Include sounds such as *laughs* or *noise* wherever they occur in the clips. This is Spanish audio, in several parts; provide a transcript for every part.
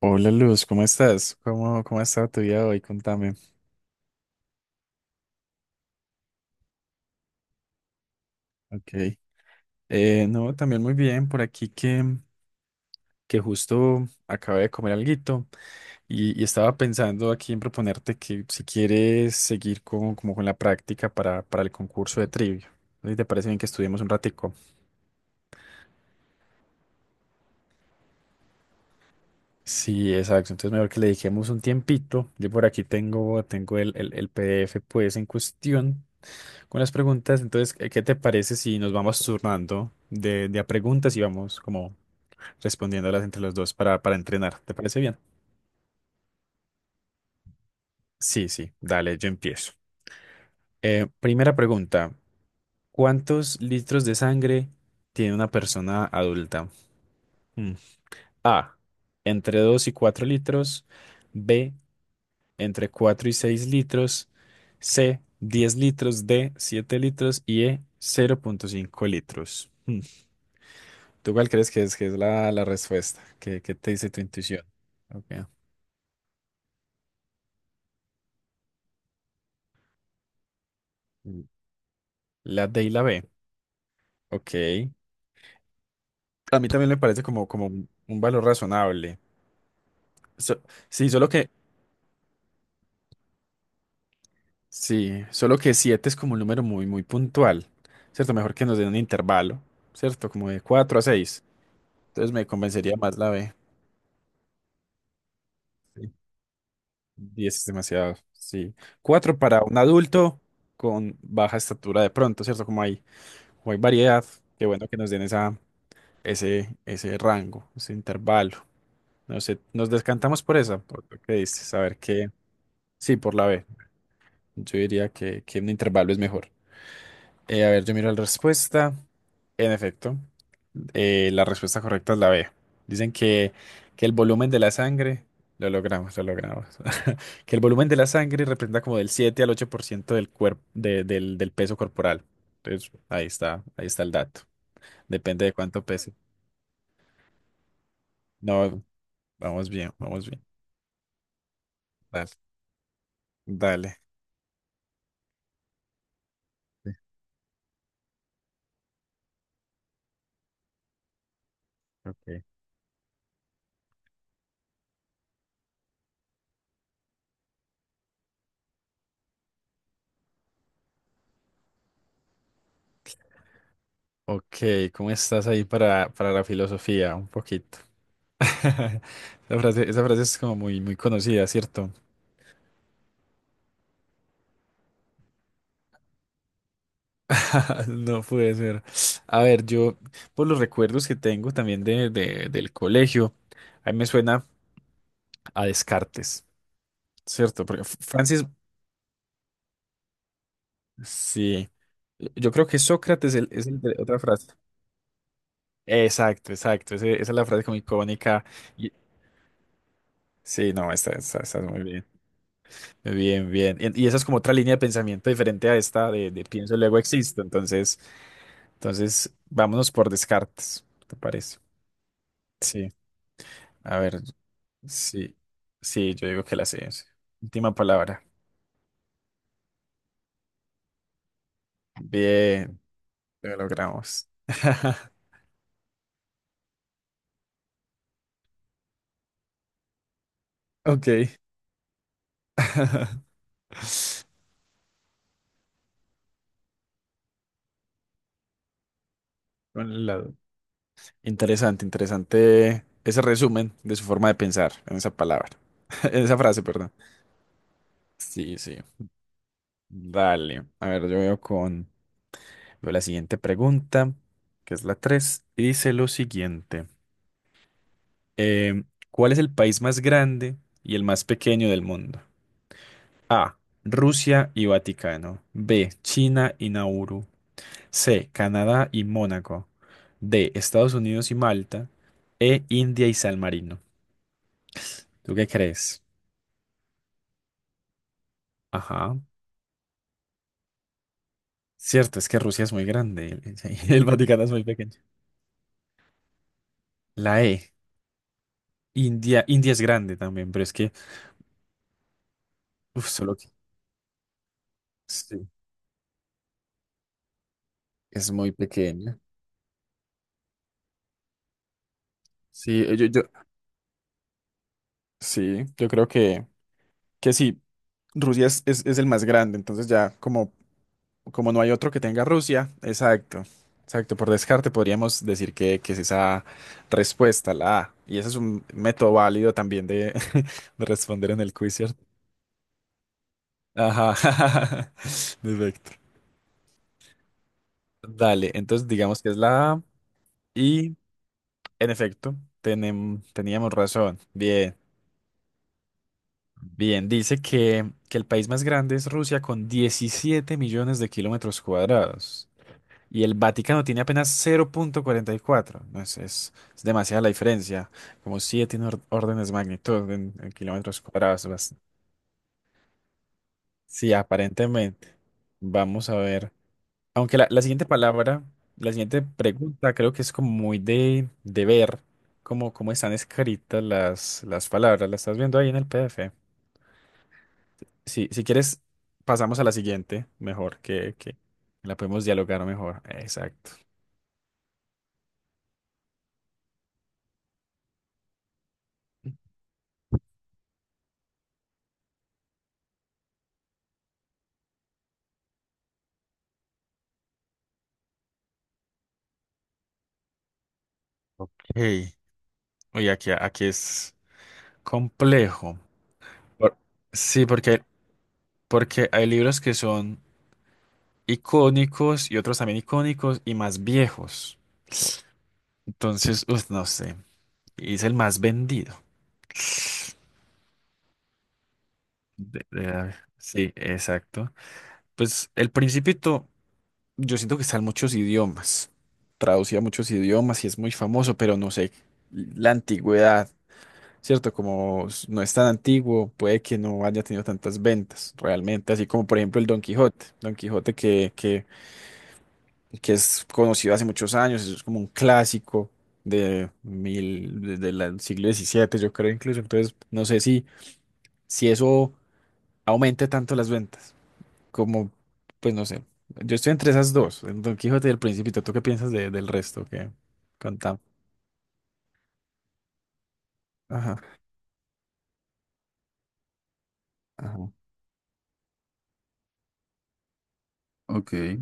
Hola Luz, ¿cómo estás? ¿Cómo ha estado tu día hoy? Contame. Ok. No, también muy bien, por aquí que justo acabé de comer alguito y estaba pensando aquí en proponerte que si quieres seguir como con la práctica para el concurso de trivia. ¿Y te parece bien que estudiemos un ratico? Sí, exacto. Entonces mejor que le dediquemos un tiempito. Yo por aquí tengo el PDF pues en cuestión. Con las preguntas, entonces, ¿qué te parece si nos vamos turnando de a preguntas y vamos como respondiéndolas entre los dos para entrenar? ¿Te parece bien? Sí, sí, dale, yo empiezo. Primera pregunta, ¿cuántos litros de sangre tiene una persona adulta? Mm. A, entre 2 y 4 litros, B, entre 4 y 6 litros, C, 10 litros, D, 7 litros y E, 0,5 litros. Mm. ¿Tú cuál crees que es la respuesta? ¿Qué te dice tu intuición? Okay. Mm. La D y la B. Ok. A mí también me parece como un valor razonable. So- sí, solo que, sí, solo que 7 es como un número muy, muy puntual, ¿cierto? Mejor que nos den un intervalo, ¿cierto? Como de 4 a seis. Entonces me convencería más la B. Sí. 10 es demasiado, sí. Cuatro para un adulto con baja estatura de pronto, ¿cierto? Como hay variedad, qué bueno que nos den ese rango, ese intervalo. No sé, nos descantamos por esa, por lo que dices. A ver qué. Sí, por la B. Yo diría que un intervalo es mejor. A ver, yo miro la respuesta. En efecto, la respuesta correcta es la B. Dicen que el volumen de la sangre, lo logramos, *laughs* que el volumen de la sangre representa como del 7 al 8% del cuerpo, del peso corporal. Entonces, ahí está el dato. Depende de cuánto pese. No, vamos bien, vamos bien. Dale. Dale. Ok, ok, ¿cómo estás ahí para la filosofía? Un poquito. *laughs* Esa frase es como muy, muy conocida, ¿cierto? *laughs* No puede ser. A ver, yo, por los recuerdos que tengo también del colegio, a mí me suena a Descartes, ¿cierto? Porque Francis, sí, yo creo que Sócrates es el de- otra frase. Exacto, exacto, esa es la frase como icónica. y- sí, no, está esa muy bien. Bien, bien. Y esa es como otra línea de pensamiento diferente a esta de pienso, luego existo. Entonces, vámonos por Descartes, ¿te parece? Sí. A ver, sí, sí, yo digo que la sé. Sí. Última palabra. Bien, lo logramos. *laughs* Ok. *laughs* Con la- Interesante, interesante ese resumen de su forma de pensar en esa palabra, *laughs* en esa frase, perdón. Sí, sí. Dale. A ver, Veo la siguiente pregunta, que es la 3 y dice lo siguiente. Em, ¿Cuál es el país más grande y el más pequeño del mundo? A. Rusia y Vaticano. B. China y Nauru. C. Canadá y Mónaco. D. Estados Unidos y Malta. E. India y San Marino. ¿Tú qué crees? Ajá. Cierto, es que Rusia es muy grande y el *laughs* el Vaticano es muy pequeño. La E. India, India es grande también, pero es que, uf, solo que sí, es muy pequeña. Sí, yo, sí, yo creo que sí, Rusia es el más grande, entonces ya como no hay otro que tenga Rusia, exacto, exacto, por descarte podríamos decir que es esa respuesta, la A, y ese es un método válido también de, *laughs* de responder en el quiz, ¿cierto? Ajá, *laughs* perfecto. Dale, entonces digamos que es la A, y en efecto, teníamos razón, bien. Bien, dice que el país más grande es Rusia con 17 millones de kilómetros cuadrados y el Vaticano tiene apenas 0,44. No es demasiada la diferencia, como 7 en órdenes de magnitud en kilómetros cuadrados. Sí, aparentemente. Vamos a ver. Aunque la siguiente palabra, la siguiente pregunta creo que es como muy de ver cómo están escritas las palabras. ¿La estás viendo ahí en el PDF? Si quieres, pasamos a la siguiente, mejor, que la podemos dialogar mejor. Exacto. Hey, oye, aquí es complejo. Por- sí, porque hay libros que son icónicos y otros también icónicos y más viejos. Entonces, uf, no sé. Y es el más vendido. Sí, exacto. Pues El Principito, yo siento que está en muchos idiomas. Traducido a muchos idiomas y es muy famoso, pero no sé. La antigüedad. ¿Cierto? Como no es tan antiguo, puede que no haya tenido tantas ventas realmente, así como por ejemplo el Don Quijote, Don Quijote que es conocido hace muchos años, es como un clásico de mil, de la- del siglo diecisiete yo creo incluso, entonces no sé si eso aumente tanto las ventas, como, pues no sé, yo estoy entre esas dos, el Don Quijote y el Principito, ¿tú qué piensas del resto que contamos? Ajá, ajá. Ok.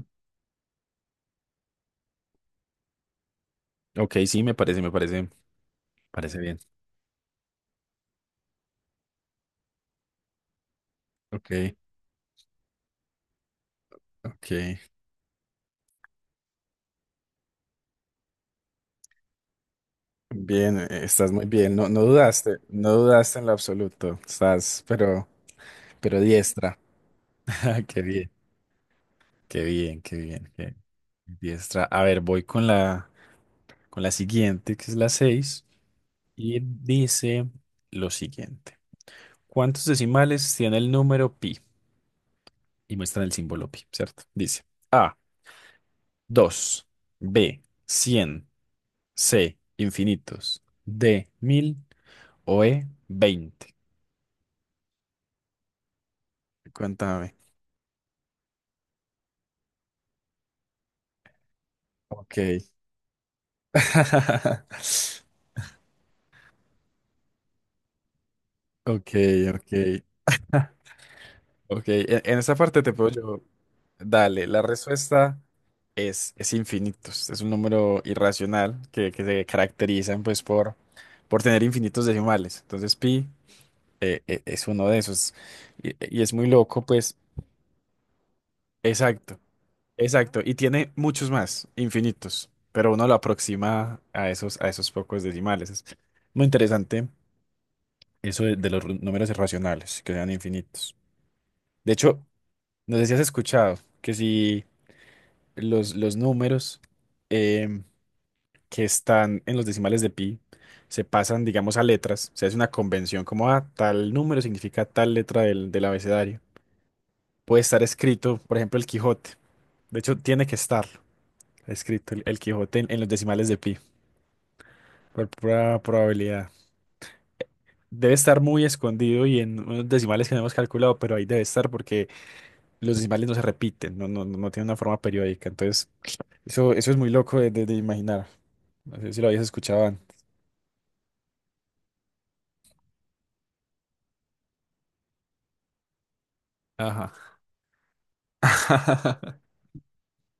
Ok, sí, me parece, parece bien. Ok. Ok, bien, estás muy bien, no, no dudaste, no dudaste en lo absoluto, estás, pero diestra. *laughs* Qué bien, qué bien, qué bien, qué diestra. A ver, voy con la siguiente, que es la 6 y dice lo siguiente. ¿Cuántos decimales tiene el número pi? Y muestran el símbolo pi, ¿cierto? Dice A, 2, B, 100, C, infinitos, D, 1000 o E, 20. Cuéntame. Ok. *laughs* Ok, ok, ok. En esa parte te puedo yo. Dale, la respuesta es infinitos. Es un número irracional que se caracterizan pues por tener infinitos decimales. Entonces pi es uno de esos. Y, y es muy loco, pues. Exacto, exacto. Y tiene muchos más, infinitos. Pero uno lo aproxima a esos pocos decimales. Es muy interesante eso de los números irracionales, que sean infinitos. De hecho, no sé si has escuchado que si los números em, que están en los decimales de pi se pasan, digamos, a letras, o sea, es una convención como, ah, tal número significa tal letra del abecedario. Puede estar escrito, por ejemplo, el Quijote. De hecho, tiene que estar escrito el Quijote en los decimales de pi, por pura probabilidad. Debe estar muy escondido y en unos decimales que no hemos calculado, pero ahí debe estar porque los decimales no se repiten, no, no, no tienen una forma periódica. Entonces. Eso es muy loco de imaginar. No sé si lo habías escuchado antes. Ajá. *laughs*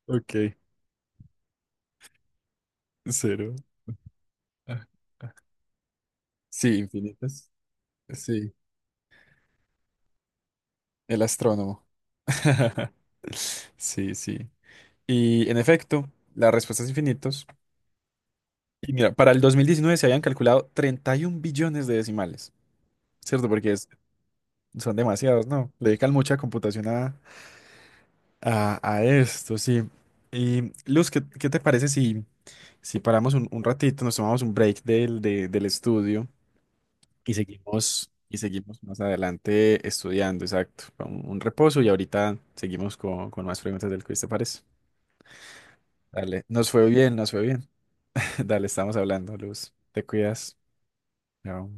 Ok, cero. Ah, ah. Sí, infinitas. Sí, el astrónomo. *laughs* Sí, sí. Y en efecto, la respuesta es infinitos. Y mira, para el 2019 se habían calculado 31 billones de decimales, ¿cierto? Porque son demasiados, ¿no? Le dedican mucha computación a esto, sí. Y Luz, ¿qué te parece si paramos un ratito, nos tomamos un break del estudio y seguimos más adelante estudiando, exacto, con un, reposo y ahorita seguimos con más preguntas del quiz, ¿te parece? Dale, nos fue bien, nos fue bien. *laughs* Dale, estamos hablando, Luz. Te cuidas. Chao.